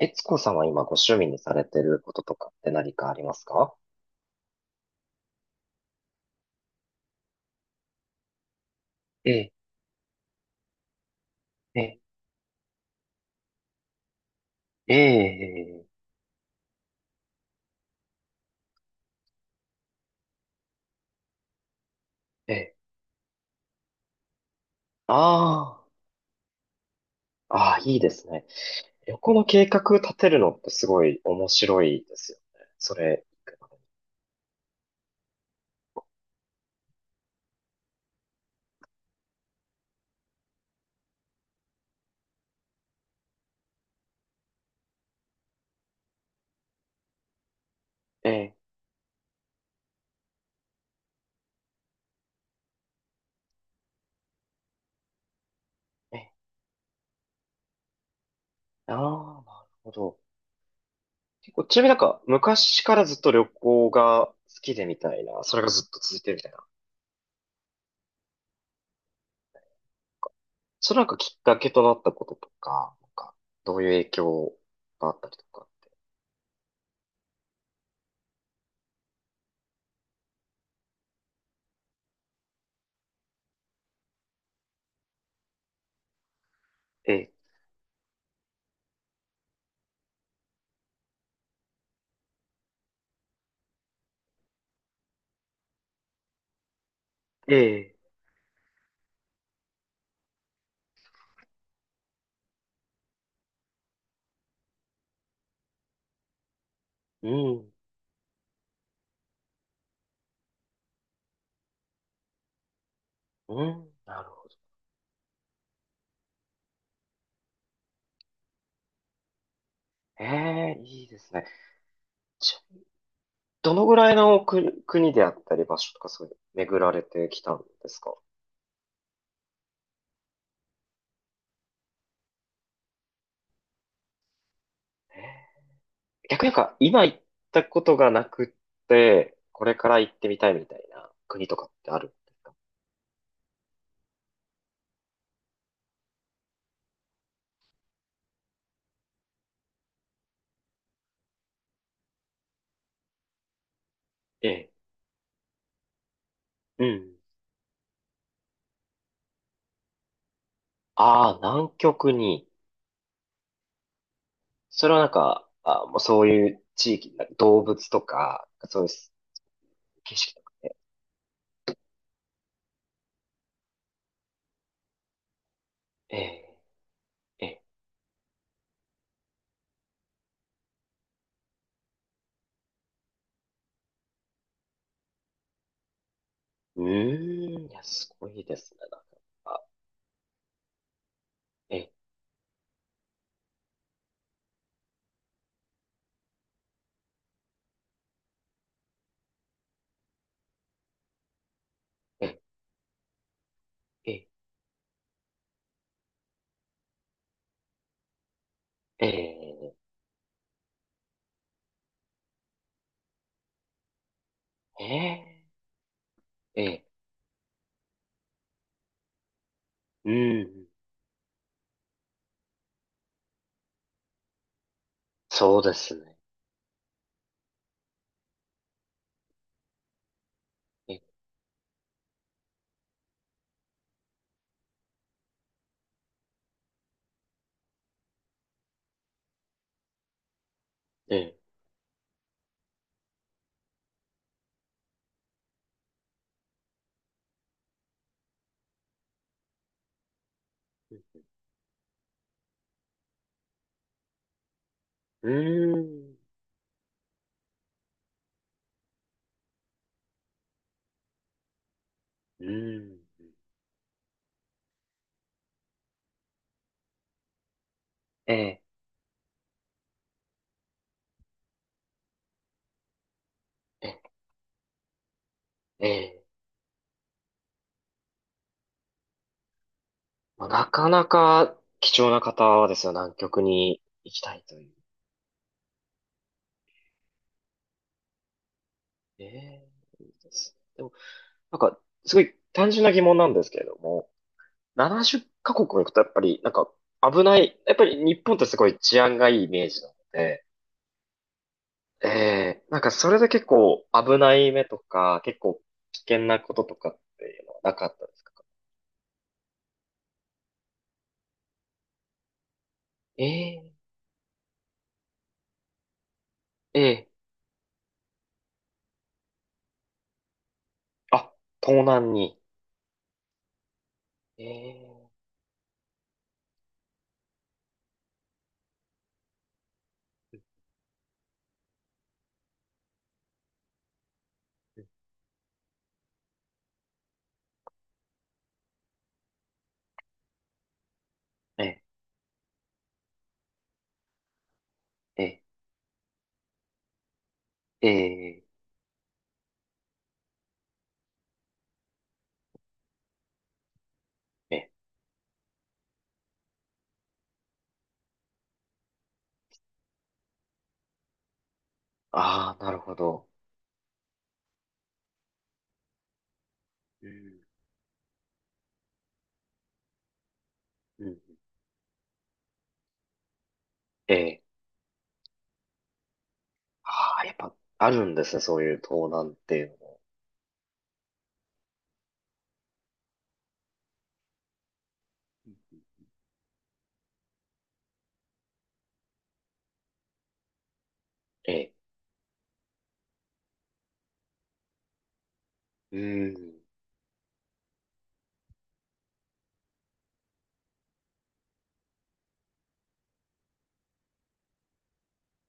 えつこさんは今ご趣味にされてることとかって何かありますか？ええ、ええ、ええ、ええ、ああ、ああ、いいですね。旅行の計画立てるのってすごい面白いですよね。それ、ええ、ええ、ああ、なるほど。結構、ちなみになんか昔からずっと旅行が好きでみたいな、それがずっと続いてるみたいな。それなんかきっかけとなったこととか、なんかどういう影響があったりとかって。ええ、ええ、うん。うん、なるほど。ええ、いいですね。ち、どのぐらいの国、国であったり場所とかそういうの巡られてきたんですか？ええ、逆になんか今行ったことがなくって、これから行ってみたいみたいな国とかってあるんですか？ええ。うん。ああ、南極に。それはなんか、あ、もうそういう地域、なんか動物とか、そういう景色とかで。ええ、ええ。うーん、いや、すごいですね。なんか、あ、ええ、ええ、ええ。ええ、ええ、ええ、うん、そうですね。え、ええ、うん、うん、ええ、ええ、ええ、まあ、なかなか貴重な方はですよ、南極に行きたいという。ええ、いいですでも、なんか、すごい単純な疑問なんですけれども、70カ国も行くとやっぱり、なんか、危ない、やっぱり日本ってすごい治安がいいイメージなので、ええ、なんかそれで結構危ない目とか、結構危険なこととかっていうのはなかったですか？ええ、ええ、あ、盗難に。ええ、ええ、ええ、ええ、ええ、ああ、なるほど。うん、うん、ええ、ああ、やっぱあるんですね、そういう盗難っていうのも。ええ、うん、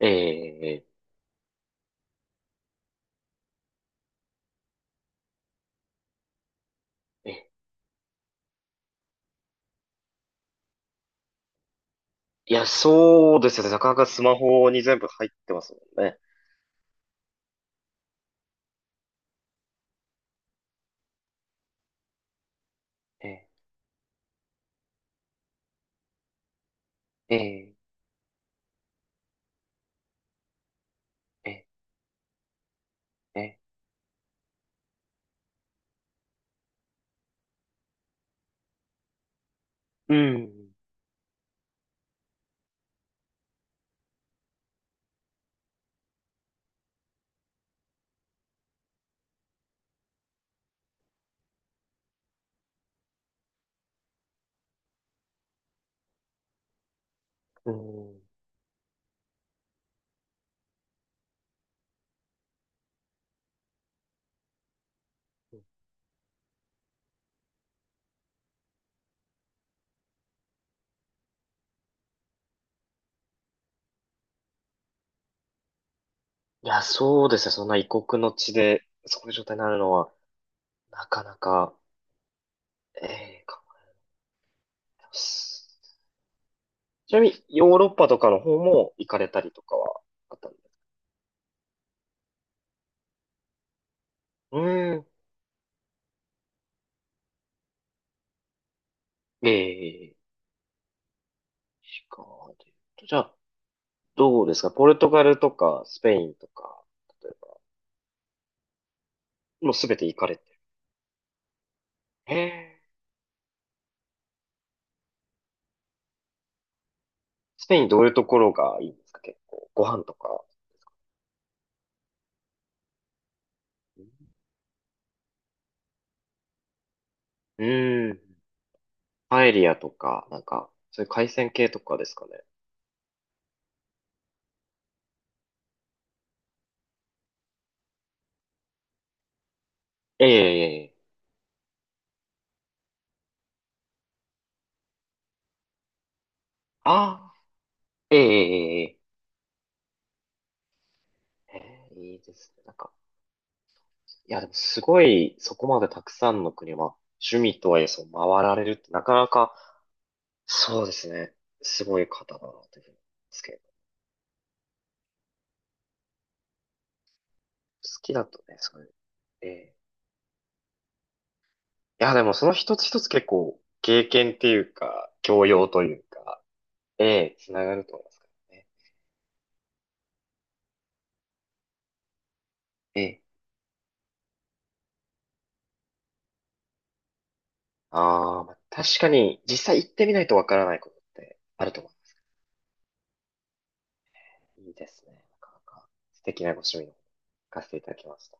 ええ、ええ、ええ、いや、そうですよね。なかなかスマホに全部入ってますもんね。ええ、ええ、ええ、ええ、うん。うん。いや、そうですね。そんな異国の地で、そういう状態になるのは、なかなか、ええ、考えます。ちなみに、ヨーロッパとかの方も行かれたりとかはあったんですか？うん。ええ、しかも、じゃあ、どうですかポルトガルとか、スペインとか、例えば、もうすべて行かれてる。ええ、スペインどういうところがいいんですか？結構、ご飯とか。うん。パエリアとか、なんか、そういう海鮮系とかですかね。ええ、ええ、ええ、ああ、ええ、ええ、ええ、ええ、いいですね。なんか、いや、でもすごい、そこまでたくさんの国は、趣味とはいえ、そう、回られるって、なかなか、そうですね。すごい方だな、というふうに思いますけど。好きだとね、そういう。ええ。いや、でもその一つ一つ結構、経験っていうか、教養というか、ええ、つながると思いますからね。ええ。ああ、まあ確かに、実際行ってみないとわからないことってあると思う。いいですね。なかなか素敵なご趣味を聞かせていただきました。